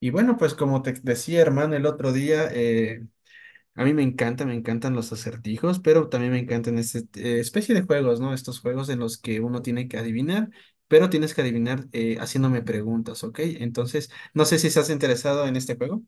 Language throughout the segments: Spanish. Y bueno, pues como te decía, hermano, el otro día, a mí me encanta, me encantan los acertijos, pero también me encantan esta especie de juegos, ¿no? Estos juegos en los que uno tiene que adivinar, pero tienes que adivinar haciéndome preguntas, ¿ok? Entonces, no sé si estás interesado en este juego.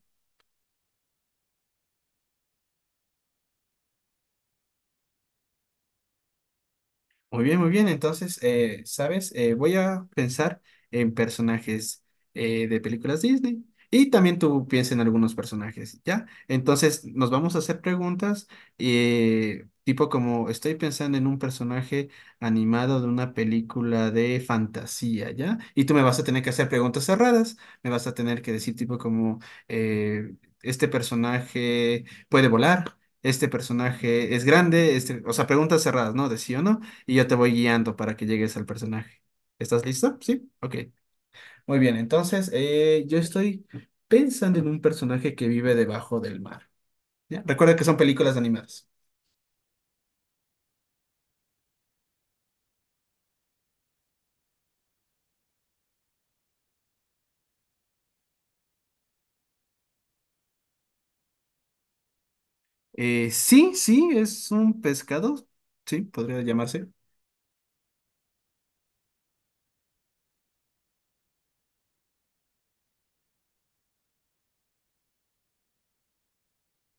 Muy bien, muy bien. Entonces, ¿sabes? Voy a pensar en personajes de películas Disney y también tú piensa en algunos personajes, ¿ya? Entonces, nos vamos a hacer preguntas tipo como estoy pensando en un personaje animado de una película de fantasía, ¿ya? Y tú me vas a tener que hacer preguntas cerradas, me vas a tener que decir tipo como eh, este personaje puede volar. Este personaje es grande, este, o sea, preguntas cerradas, ¿no? De sí o no, y yo te voy guiando para que llegues al personaje. ¿Estás listo? Sí, ok. Muy bien, entonces yo estoy pensando en un personaje que vive debajo del mar. ¿Ya? Recuerda que son películas animadas. Sí, sí, es un pescado. Sí, podría llamarse.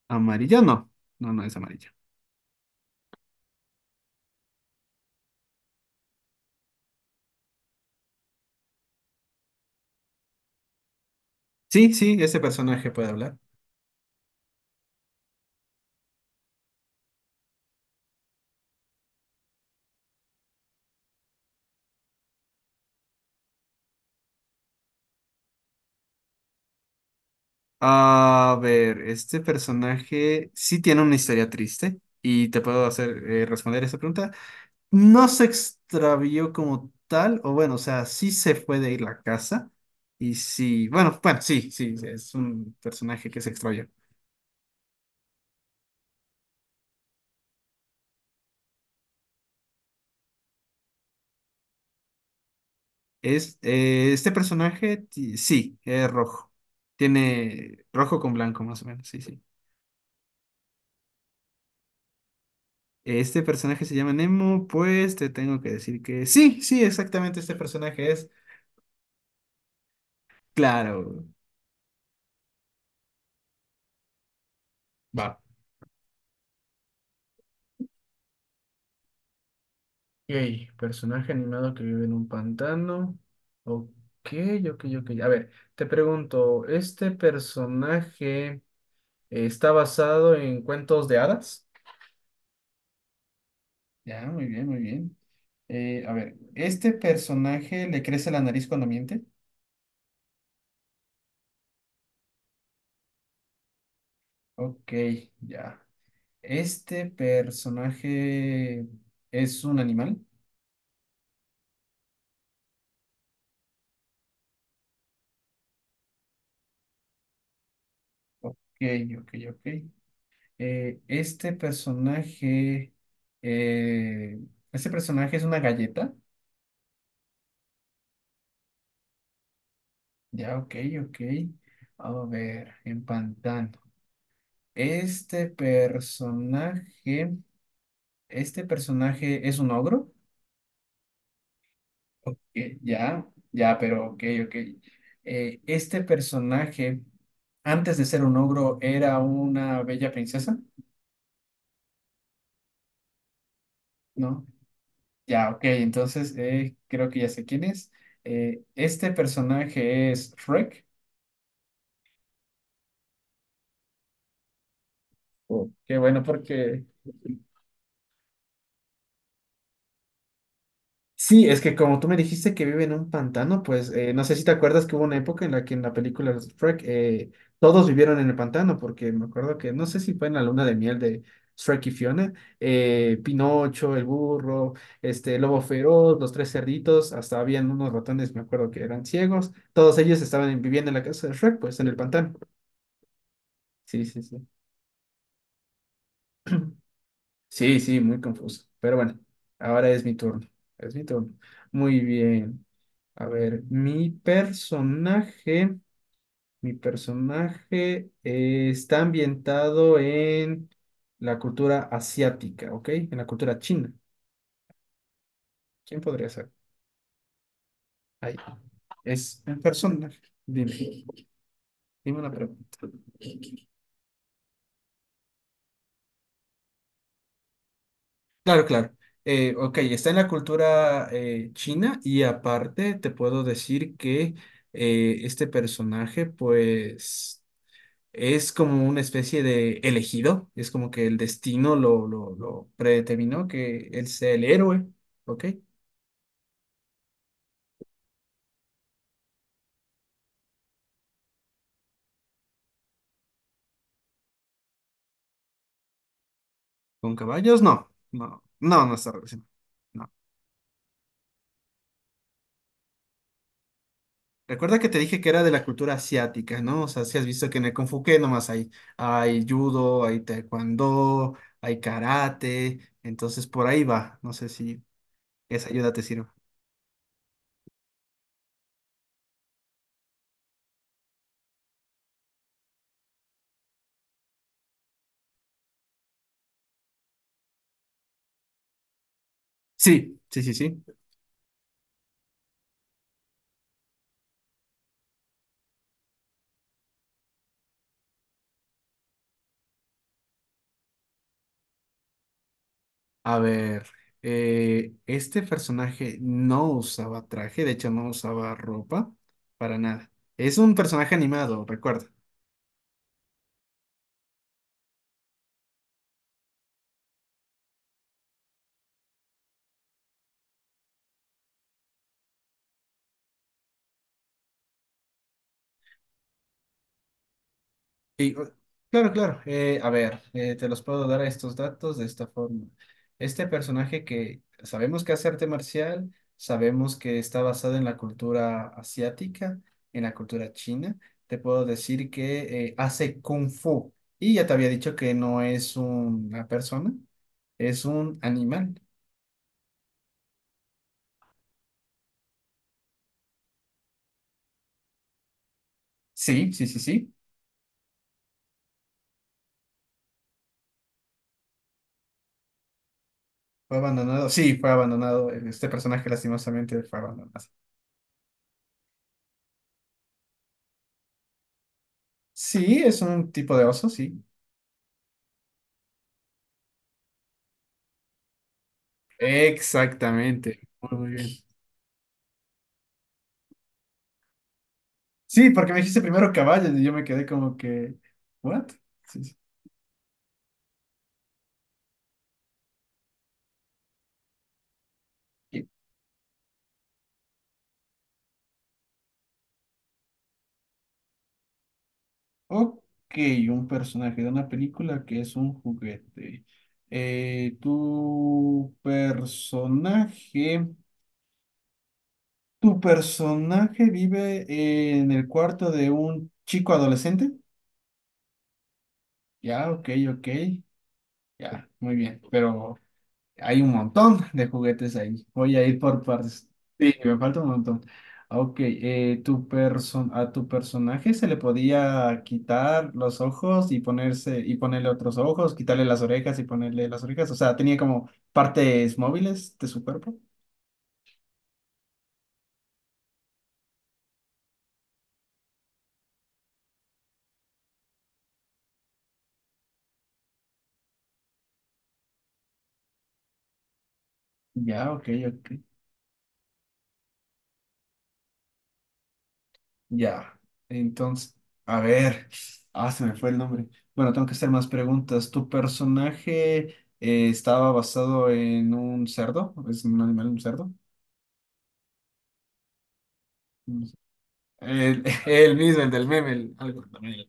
Amarillo, no. No, no es amarillo. Sí, sí, ese personaje puede hablar. A ver, este personaje sí tiene una historia triste y te puedo hacer responder esa pregunta. No se extravió como tal, o bueno, o sea, sí se fue de la casa. Y sí, bueno, bueno, sí, sí, sí, es un personaje que se extravió. Es, este personaje, sí, es rojo. Tiene rojo con blanco, más o menos, sí, sí. Este personaje se llama Nemo, pues te tengo que decir que sí, sí, exactamente este personaje es. Claro, va. Ok, personaje animado que vive en un pantano. Ok, ok, ok. A ver, te pregunto, ¿este personaje está basado en cuentos de hadas? Ya, muy bien, muy bien. A ver, ¿este personaje le crece la nariz cuando miente? Ok, ya. ¿Este personaje es un animal? Ok, ok, ok. ¿Este personaje... eh, ¿este personaje es una galleta? Ya, ok, ok. A ver, empantando. Este personaje, este personaje es un ogro. Eh, ya, ya, pero ok, ok. Este personaje, antes de ser un ogro, era una bella princesa, ¿no? Ya, ok, entonces creo que ya sé quién es. Este personaje es Shrek. Oh, qué bueno, porque sí, es que como tú me dijiste que vive en un pantano, pues no sé si te acuerdas que hubo una época en la que en la película de Shrek todos vivieron en el pantano, porque me acuerdo que no sé si fue en la luna de miel de Shrek y Fiona, Pinocho, el burro, este el lobo feroz, los tres cerditos, hasta habían unos ratones, me acuerdo que eran ciegos, todos ellos estaban viviendo en la casa de Shrek, pues en el pantano. Sí, sí, sí. Sí, sí, muy confuso. Pero bueno, ahora es mi turno. Es mi turno. Muy bien. A ver, mi personaje está ambientado en la cultura asiática, ¿ok? En la cultura china. ¿Quién podría ser? Ahí. Es un personaje. Dime, dime una pregunta. Claro, claro. Ok, está en la cultura china y aparte te puedo decir que este personaje pues es como una especie de elegido, es como que el destino lo predeterminó que él sea el héroe, ¿ok? ¿Con caballos? No, no, no, no está relacionado. Recuerda que te dije que era de la cultura asiática, ¿no? O sea, si has visto que en el Kung Fu ¿qué nomás hay, hay judo, hay taekwondo, hay karate, entonces por ahí va. No sé si esa ayuda te sirve. Sí, sí, sí, sí. A ver, este personaje no usaba traje, de hecho no usaba ropa para nada. Es un personaje animado, recuerda. Y, uh, claro, claro. A ver, te los puedo dar a estos datos de esta forma. Este personaje que sabemos que hace arte marcial, sabemos que está basado en la cultura asiática, en la cultura china. Te puedo decir que hace kung fu. Y ya te había dicho que no es una persona, es un animal. Sí, sí, sí, sí. Fue abandonado. Sí, fue abandonado. Este personaje lastimosamente fue abandonado. Sí, es un tipo de oso, sí. Exactamente. Muy, muy bien. Sí, porque me dijiste primero caballos y yo me quedé como que, ¿what? Sí, sí. Y- Ok, un personaje de una película que es un juguete. Eh, tu personaje, tu personaje vive en el cuarto de un chico adolescente. Ya, ok, ok. Ya, muy bien. Pero hay un montón de juguetes ahí. Voy a ir por partes. Sí, me falta un montón. Ok, tu personaje se le podía quitar los ojos y ponerse y ponerle otros ojos, quitarle las orejas y ponerle las orejas. O sea, tenía como partes móviles de su cuerpo. Ya, ok, ok. Ya. Entonces, a ver. Ah, se me fue el nombre. Bueno, tengo que hacer más preguntas. ¿Tu personaje estaba basado en un cerdo? ¿Es un animal, un cerdo? El, el mismo, el del meme, algo también.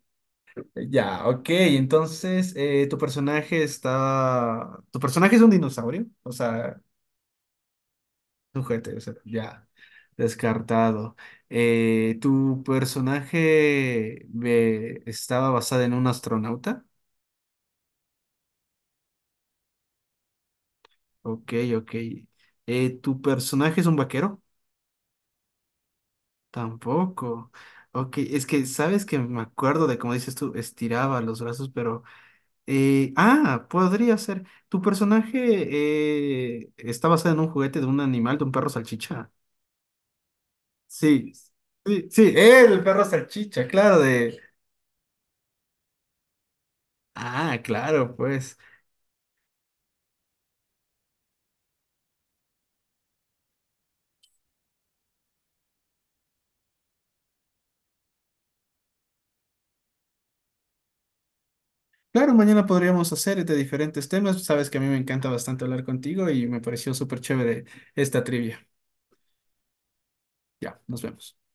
Ya, ok, entonces tu personaje está... Tu personaje es un dinosaurio, o sea, sujete, o sea, ya, descartado. ¿Tu personaje estaba basado en un astronauta? Ok, ok. ¿Tu personaje es un vaquero? Tampoco. Ok, es que sabes que me acuerdo de cómo dices tú, estiraba los brazos, pero... podría ser. ¿Tu personaje está basado en un juguete de un animal, de un perro salchicha? Sí, sí, sí, el perro salchicha, claro, de... Ah, claro, pues. Claro, mañana podríamos hacer de diferentes temas. Sabes que a mí me encanta bastante hablar contigo y me pareció súper chévere esta trivia. Ya, nos vemos.